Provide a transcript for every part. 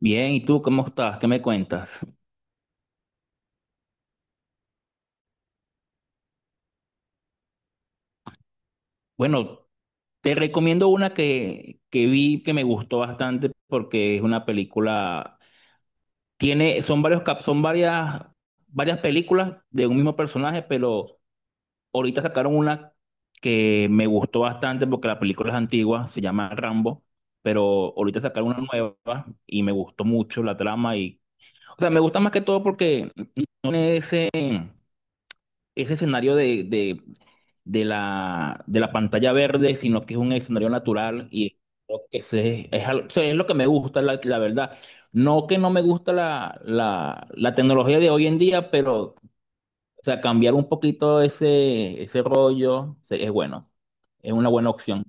Bien, ¿y tú cómo estás? ¿Qué me cuentas? Bueno, te recomiendo una que vi que me gustó bastante porque es una película, tiene, son son varias películas de un mismo personaje, pero ahorita sacaron una que me gustó bastante porque la película es antigua, se llama Rambo, pero ahorita sacaron una nueva y me gustó mucho la trama y, o sea, me gusta más que todo porque no tiene ese escenario de de la pantalla verde, sino que es un escenario natural y creo que ese es. O sea, es lo que me gusta, la verdad. No que no me gusta la tecnología de hoy en día, pero o sea, cambiar un poquito ese rollo es bueno, es una buena opción.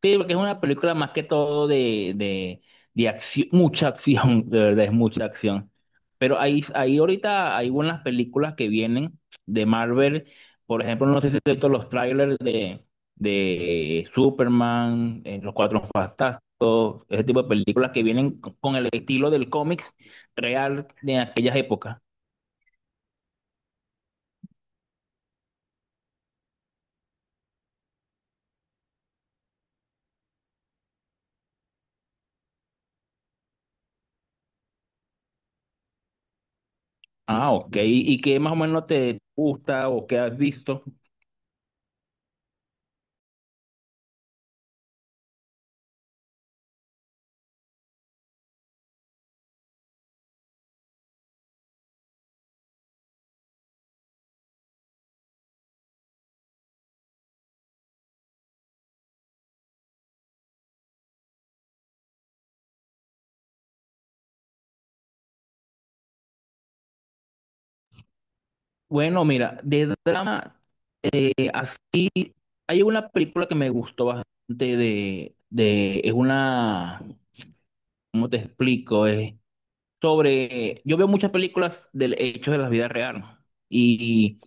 Sí, porque es una película más que todo de acción, mucha acción, de verdad es mucha acción. Pero ahí ahorita hay buenas películas que vienen de Marvel. Por ejemplo, no sé si has visto los trailers de Superman, Los Cuatro Fantásticos, ese tipo de películas que vienen con el estilo del cómics real de aquellas épocas. Ah, ok. ¿Y qué más o menos te gusta o qué has visto? Bueno, mira, de drama eh, hay una película que me gustó bastante es una, ¿cómo te explico? Es sobre, yo veo muchas películas del hecho de la vida real, ¿no? Y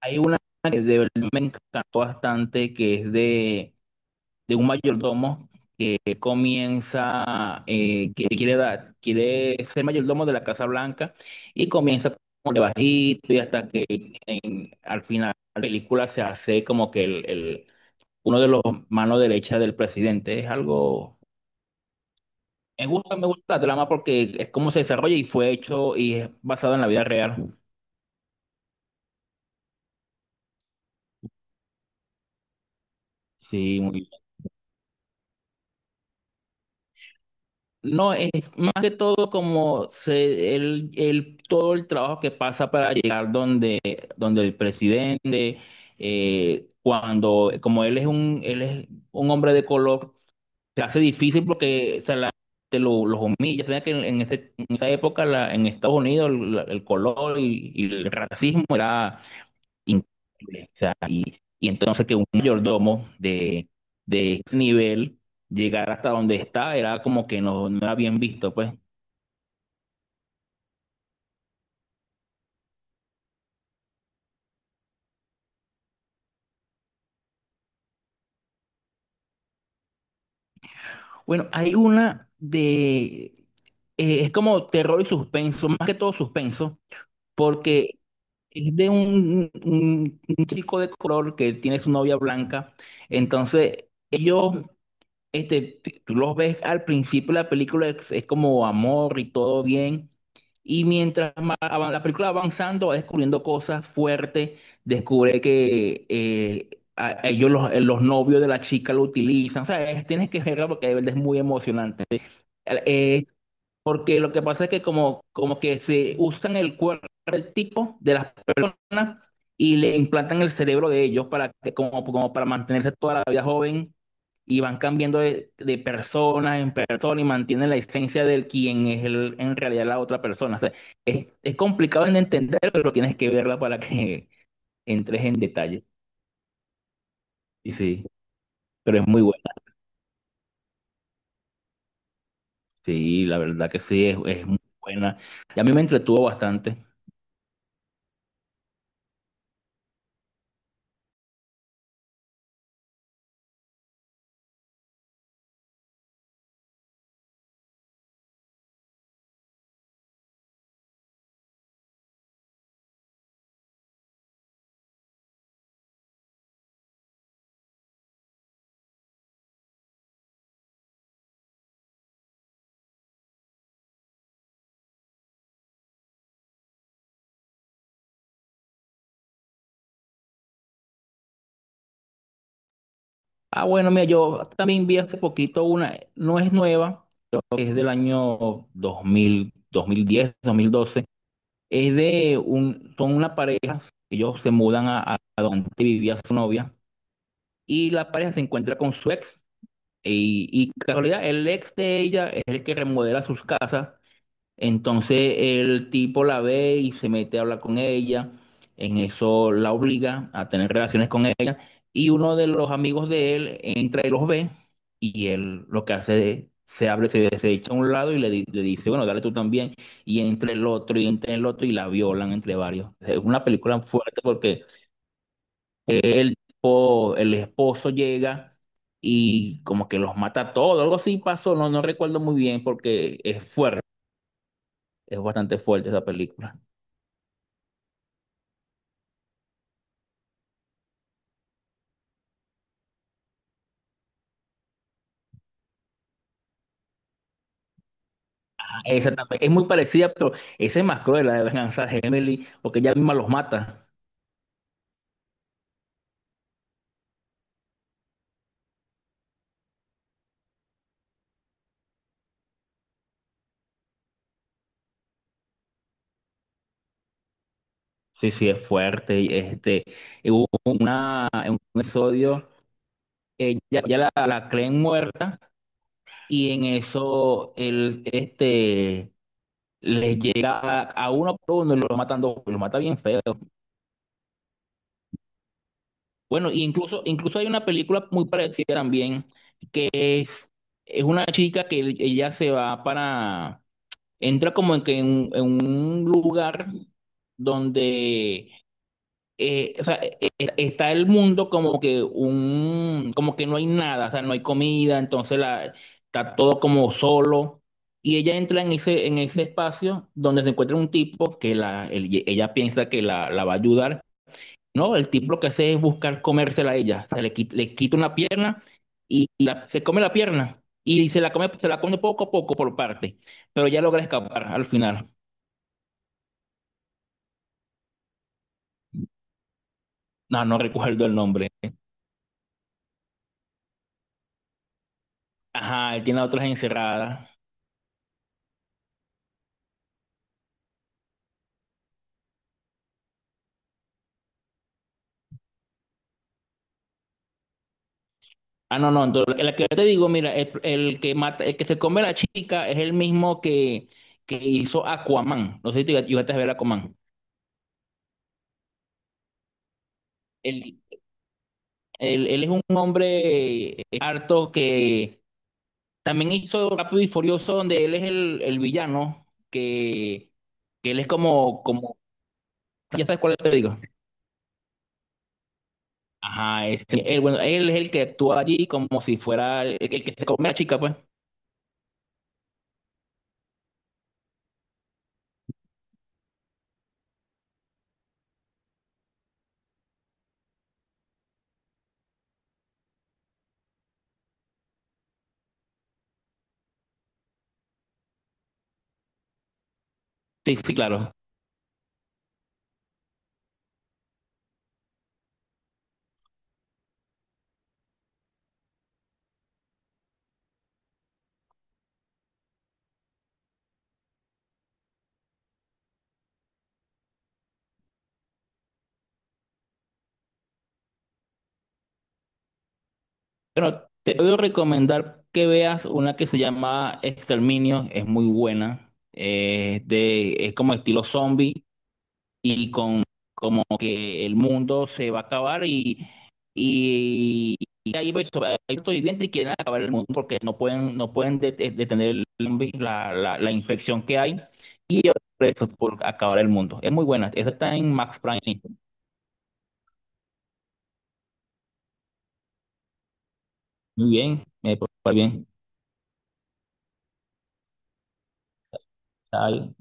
hay una que de verdad me encantó bastante que es de un mayordomo que comienza, que quiere dar, quiere ser mayordomo de la Casa Blanca y comienza como de bajito, y hasta que al final la película se hace como que uno de los manos derechas del presidente. Es algo, me gusta la trama porque es cómo se desarrolla y fue hecho y es basado en la vida real. Sí, muy bien. No, es más que todo como se, todo el trabajo que pasa para llegar donde, donde el presidente, cuando, como él es un hombre de color, se hace difícil porque o sea, la gente los humilla. O sea, que en en esa época en Estados Unidos el color y el racismo era increíble. O sea, y entonces que un mayordomo de ese nivel llegar hasta donde está era como que no, no era bien visto, pues. Bueno, hay una de... es como terror y suspenso, más que todo suspenso, porque es de un chico de color que tiene su novia blanca. Entonces, ellos este, tú los ves al principio de la película, es como amor y todo bien. Y mientras la película va avanzando, va descubriendo cosas fuertes. Descubre que ellos, los novios de la chica, lo utilizan. O sea, tienes que verla porque de verdad es muy emocionante. Eh, porque lo que pasa es que como, como que se usan el cuerpo del tipo de las personas y le implantan el cerebro de ellos para que, como, como para mantenerse toda la vida joven, y van cambiando de personas en persona y mantienen la esencia del quien es el, en realidad la otra persona. O sea, es complicado en entender, pero tienes que verla para que entres en detalle. Y sí, pero es muy buena. Sí, la verdad que sí, es muy buena. Y a mí me entretuvo bastante. Ah, bueno, mira, yo también vi hace poquito una, no es nueva, creo que es del año 2000, 2010, 2012. Es de un, son una pareja, ellos se mudan a donde vivía su novia, y la pareja se encuentra con su ex y casualidad, el ex de ella es el que remodela sus casas. Entonces el tipo la ve y se mete a hablar con ella. En eso la obliga a tener relaciones con él, y uno de los amigos de él entra y los ve, y él lo que hace es, se abre, se echa a un lado y le, le dice, bueno, dale tú también, y entre el otro y entre el otro y la violan entre varios. Es una película fuerte porque el esposo llega y como que los mata a todos, algo así pasó, no, no recuerdo muy bien porque es fuerte. Es bastante fuerte esa película. Ah, esa también es muy parecida, pero esa es más cruel, la de Venganza de Emily, porque ella misma los mata. Sí, sí, es fuerte. Y, este, hubo un episodio, ya, ya la creen muerta, y en eso el, este, les llega a uno por uno y lo matando, lo mata bien feo. Bueno, y incluso hay una película muy parecida también. Es, es una chica que ella se va para, entra como en, en un lugar donde o sea, está el mundo como que un, como que no hay nada, o sea, no hay comida, entonces la, está todo como solo. Y ella entra en ese espacio donde se encuentra un tipo ella piensa que la va a ayudar. No, el tipo lo que hace es buscar comérsela a ella. O sea, le quita una pierna y se come la pierna. Y se la come poco a poco por parte. Pero ya logra escapar al final. No, no recuerdo el nombre. Ajá, él tiene a otras encerradas. Ah, no, no, entonces la que yo te digo, mira, el que mata, el que se come a la chica es el mismo que hizo Aquaman. No sé si te llegaste a ver Aquaman. Él, él es un hombre harto que también hizo Rápido y Furioso, donde él es el villano, que él es como, ya sabes cuál te digo. Ajá, ese, él, bueno, él es el que actúa allí como si fuera el que se come a la chica, pues. Sí, sí, claro. Bueno, te puedo recomendar que veas una que se llama Exterminio, es muy buena, de, es como estilo zombie y con como que el mundo se va a acabar y, y hay hay sobrevivientes que quieren acabar el mundo porque no pueden, no pueden detener el zombie, la infección que hay, y ellos presos por acabar el mundo. Es muy buena, esa está en Max Prime, muy bien, me parece bien, está ahí,